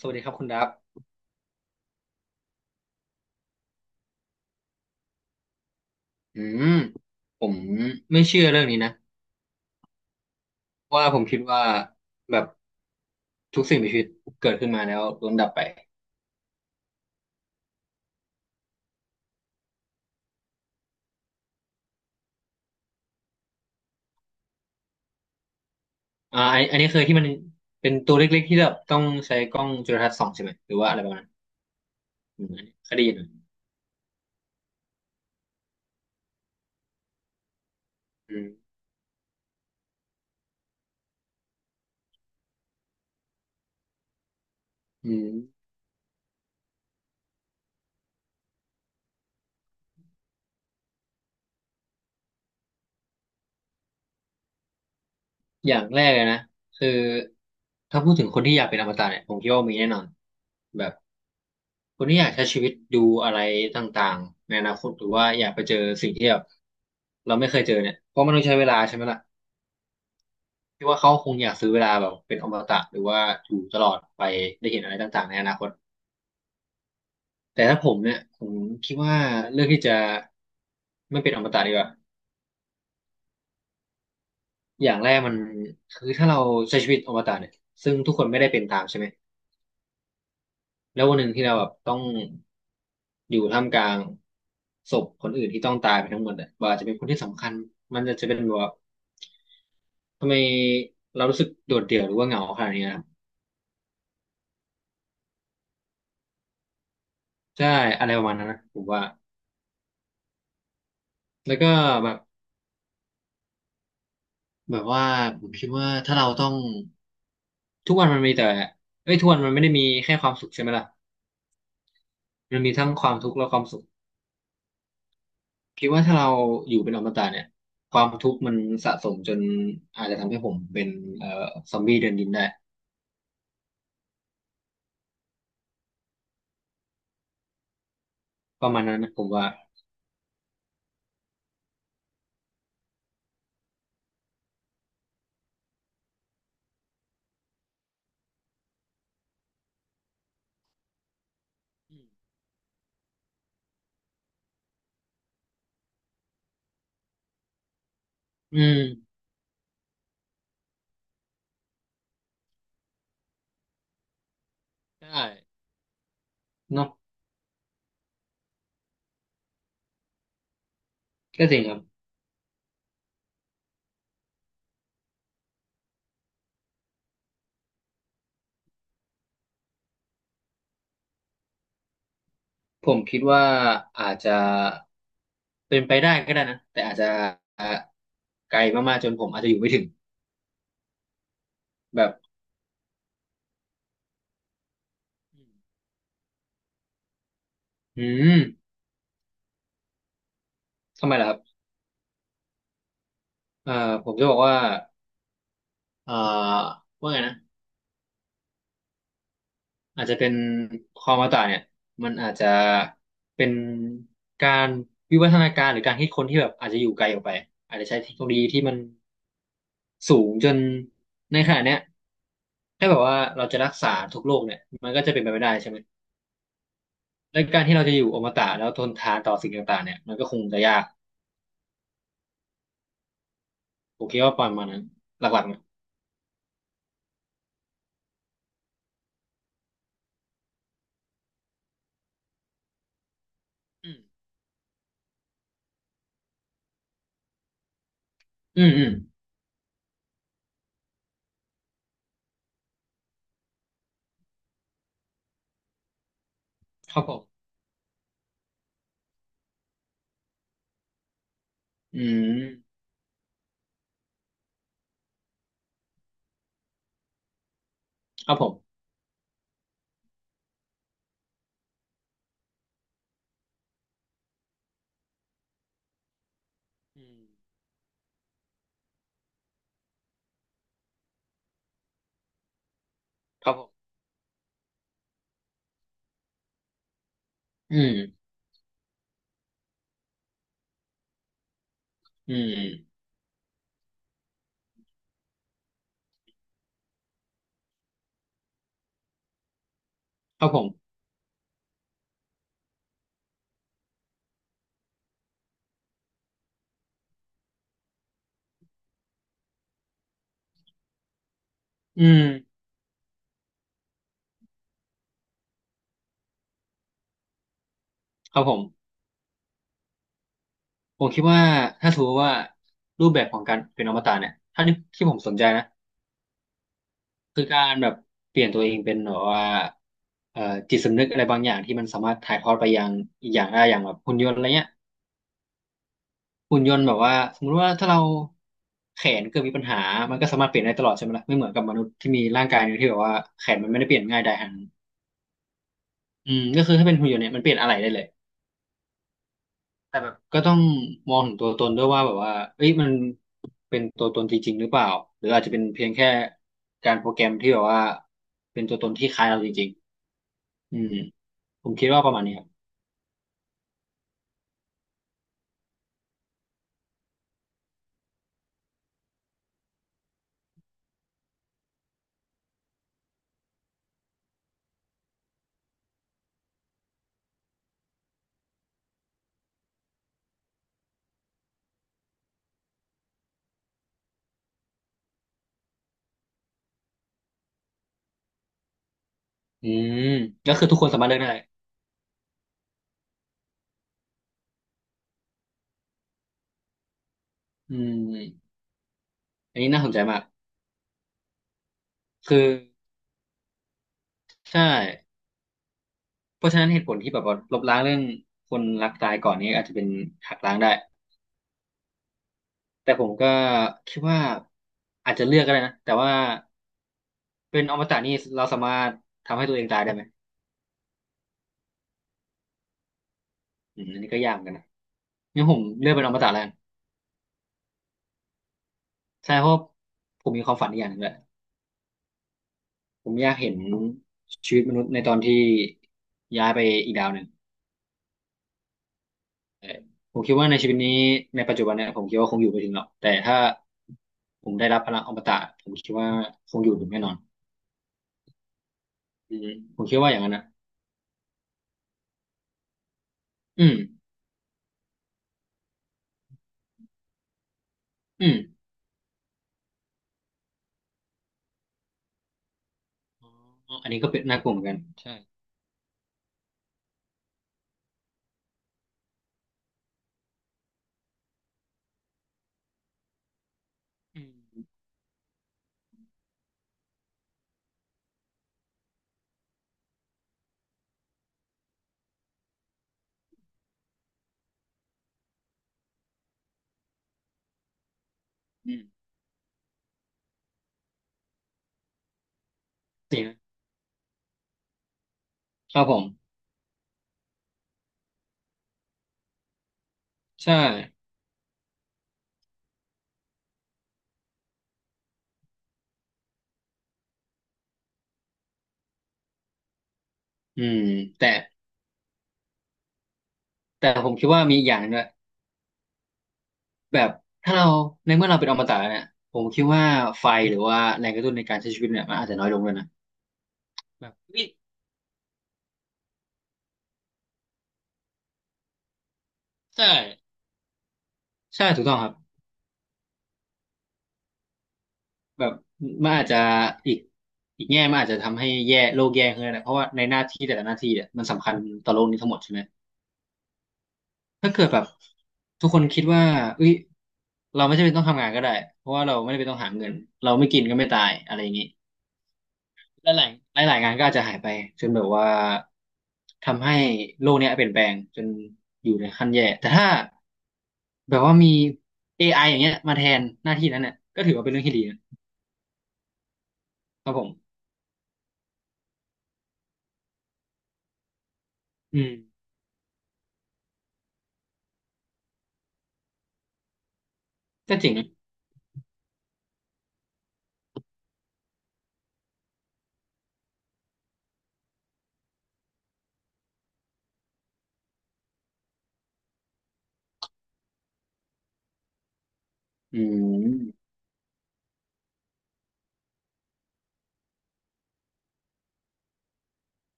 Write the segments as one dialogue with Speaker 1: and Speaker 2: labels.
Speaker 1: สวัสดีครับคุณดับอืมผมไม่เชื่อเรื่องนี้นะเพราะว่าผมคิดว่าแบบทุกสิ่งมีชีวิตเกิดขึ้นมาแล้วล้วนดับไป ไอันนี้เคยที่มันเป็นตัวเล็กๆที่แบบต้องใช้กล้องจุลทรรศน์ส่องใช่ไหมหรือว่าอะไรประมาณนั้นอืมอันนี้เคยได้ยินไหมอืมอืมอย่างแรกเลยนะคือถ้าพูดถึงคนที่อยากเป็นอมตะเนี่ยผมคิดว่ามีแน่นอนแบบคนที่อยากใช้ชีวิตดูอะไรต่างๆในอนาคตหรือว่าอยากไปเจอสิ่งที่แบบเราไม่เคยเจอเนี่ยเพราะมันต้องใช้เวลาใช่ไหมล่ะ พี่ว่าเขาคงอยากซื้อเวลาแบบเป็นอมตะหรือว่าอยู่ตลอดไปได้เห็นอะไรต่างๆในอนาคตแต่ถ้าผมเนี่ยผมคิดว่าเลือกที่จะไม่เป็นอมตะดีกว่าอย่างแรกมันคือถ้าเราใช้ชีวิตอมตะเนี่ยซึ่งทุกคนไม่ได้เป็นตามใช่ไหมแล้ววันหนึ่งที่เราแบบต้องอยู่ท่ามกลางศพคนอื่นที่ต้องตายไปทั้งหมดอะว่าอาจจะเป็นคนที่สำคัญมันจะเป็นแบบว่าทำไมเรารู้สึกโดดเดี่ยวหรือว่าเหงาขนาดนี้นะใช่อะไรประมาณนั้นนะผมว่าแล้วก็แบบ แบบว่าผมคิดว่าถ้าเราต้องทุกวันมันมีแต่เอ้ยทุกวันมันไม่ได้มีแค่ความสุขใช่ไหมล่ะมันมีทั้งความทุกข์และความสุขคิดว่าถ้าเราอยู่เป็นอมตะเนี่ยความทุกข์มันสะสมจนอาจจะทำให้ผมเป็นเอ่อซอมบี้เดินดินได้ประมาณนั้นนะผมว่าอืมอืมใช่เนาะก็จริงครับผมคิดว่าอาจจะเป็นไปได้ก็ได้นะแต่อาจจะไกลมากๆจนผมอาจจะอยู่ไม่ถึงแบบอืมทำไมล่ะครับ เอ่อผมจะบอกว่าเอ่อว่าไงนะอาจจะเป็นความอมตะเนี่ยมันอาจจะเป็นการวิวัฒนาการหรือการคิดค้นที่แบบอาจจะอยู่ไกลออกไปอาจจะใช้เทคโนโลยีที่มันสูงจนในขณะเนี้ยถ้าแบบว่าเราจะรักษาทุกโรคเนี่ยมันก็จะเป็นไปไม่ได้ใช่ไหมและการที่เราจะอยู่อมตะแล้วทนทานต่อสิ่งต่างๆเนี่ยมันก็คงจะยากผมคิดว่าประมาณนั้นหลักๆนะอืมอืมอืมครับผมอืมครับผมอืมครับผมอืม อืมครับผมอืมครับผมผมคิดว่าถ้าถือว่ารูปแบบของการเป็นอมตะเนี่ยถ้าที่ที่ผมสนใจนะคือการแบบเปลี่ยนตัวเองเป็นแบบว่าเอ่อจิตสำนึกอะไรบางอย่างที่มันสามารถถ่ายทอดไปยังอีกอย่างได้อย่างแบบหุ่นยนต์อะไรเงี้ยหุ่นยนต์แบบว่าสมมุติว่าถ้าเราแขนเกิดมีปัญหามันก็สามารถเปลี่ยนได้ตลอดใช่ไหมล่ะไม่เหมือนกับมนุษย์ที่มีร่างกายหนึงที่แบบว่าแขนมันไม่ได้เปลี่ยนง่ายได้ขนาดนั้นอืมก็คือถ้าเป็นหุ่นยนต์เนี่ยมันเปลี่ยนอะไรได้เลย แต่แบบก็ต้องมองถึงตัวตนด้วยว่าแบบว่าเอ้ยมันเป็นตัวตนจริงๆหรือเปล่าหรืออาจจะเป็นเพียงแค่การโปรแกรมที่แบบว่าเป็นตัวตนที่คล้ายเราจริงๆอืมผมคิดว่าประมาณนี้ครับอืมก็คือทุกคนสามารถเลือกได้อืมอันนี้น่าสนใจมากคือใช่เพราะฉะนั้นเหตุผลที่แบบว่าลบล้างเรื่องคนรักตายก่อนนี้อาจจะเป็นหักล้างได้แต่ผมก็คิดว่าอาจจะเลือกก็ได้นะแต่ว่าเป็นอมตะนี่เราสามารถทำให้ตัวเองตายได้ไหม อืมอันนี้ก็ยากเหมือนกันนะงั้นผมเลือกเป็นอมตะแล้วกันใช่เพราะผมมีความฝันอีกอย่างหนึ่งแหละผมอยากเห็นชีวิตมนุษย์ในตอนที่ย้ายไปอีกดาวหนึ่งเออผมคิดว่าในชีวิตนี้ในปัจจุบันเนี่ยผมคิดว่าคงอยู่ไม่ถึงหรอกแต่ถ้าผมได้รับพลังอมตะผมคิดว่าคงอยู่ถึงแน่นอนอืมผมคิดว่าอย่างนั้นนะอืมอืมอ๋ออันนี้ก็เป็นน่ากลัวเหมือนกันใช่อืมอืมจริงนะครับผมใช่อืมแต่ผมคิดว่ามีอีกอย่างหนึงด้วย แบบถ้าเราในเมื่อเราเป็นอมตะเนี่ยผมคิดว่าไฟหรือว่าแรงกระตุ้นในการใช้ชีวิตเนี่ยมันอาจจะน้อยลงเลยนะแบบนี่ใช่ใช่ถูกต้องครับแบบมันอาจจะอีกอีกแง่มันอาจจะทำให้แย่โลกแย่ขึ้นนะเพราะว่าในหน้าที่แต่ละหน้าที่เนี่ยมันสำคัญต่อโลกนี้ทั้งหมดใช่ไหมถ้าเกิดแบบทุกคนคิดว่าเอ้ยเราไม่จำเป็นต้องทำงานก็ได้เพราะว่าเราไม่ได้เป็นต้องหาเงินเราไม่กินก็ไม่ตายอะไรอย่างนี้ และหลายงานก็อาจจะหายไปจนแบบว่าทำให้โลกเนี้ยเปลี่ยนแปลงจนอยู่ในขั้นแย่แต่ถ้าแบบว่ามี AI อไออย่างเงี้ยมาแทนหน้าที่นั้นเนี่ยก็ถือว่าเป็นเรื่องที่ดีนะครับผมอืมก็จริงนะอืม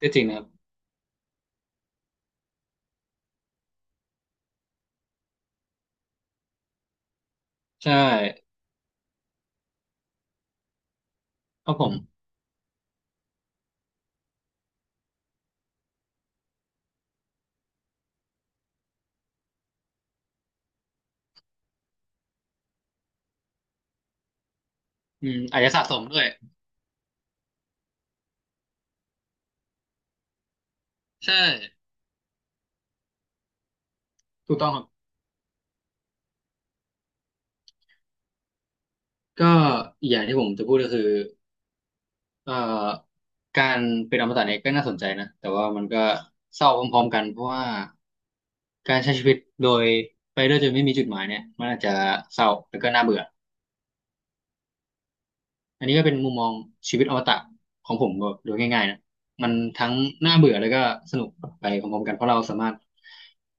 Speaker 1: ก็จริงนะครับใช่ครับผมอืมอาจจะสะสมด้วยใช่ถูกต้องครับก็อีกอย่างที่ผมจะพูดก็คือเอ่อการเป็นอมตะเนี่ยก็น่าสนใจนะแต่ว่ามันก็เศร้าพร้อมๆกันเพราะว่า การใช้ชีวิตโดยไปด้วยจนไม่มีจุดหมายเนี่ยมันอาจจะเศร้าแล้วก็น่าเบื่ออันนี้ก็เป็นมุมมองชีวิตอมตะของผมแบบโดยง่ายๆนะมันทั้งน่าเบื่อแล้วก็สนุกไปพร้อมๆกันเพราะเราสามารถ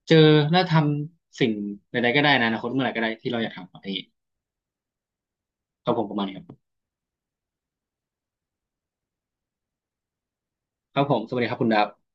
Speaker 1: เจอและทำสิ่งใดๆก็ได้ในอนาคตเมื่อไหร่ก็ได้ที่เราอยากทำอะไรอย่างนี้ครับผมประมาณนี้ครับครับผมสวัสดีครับคุณดาบ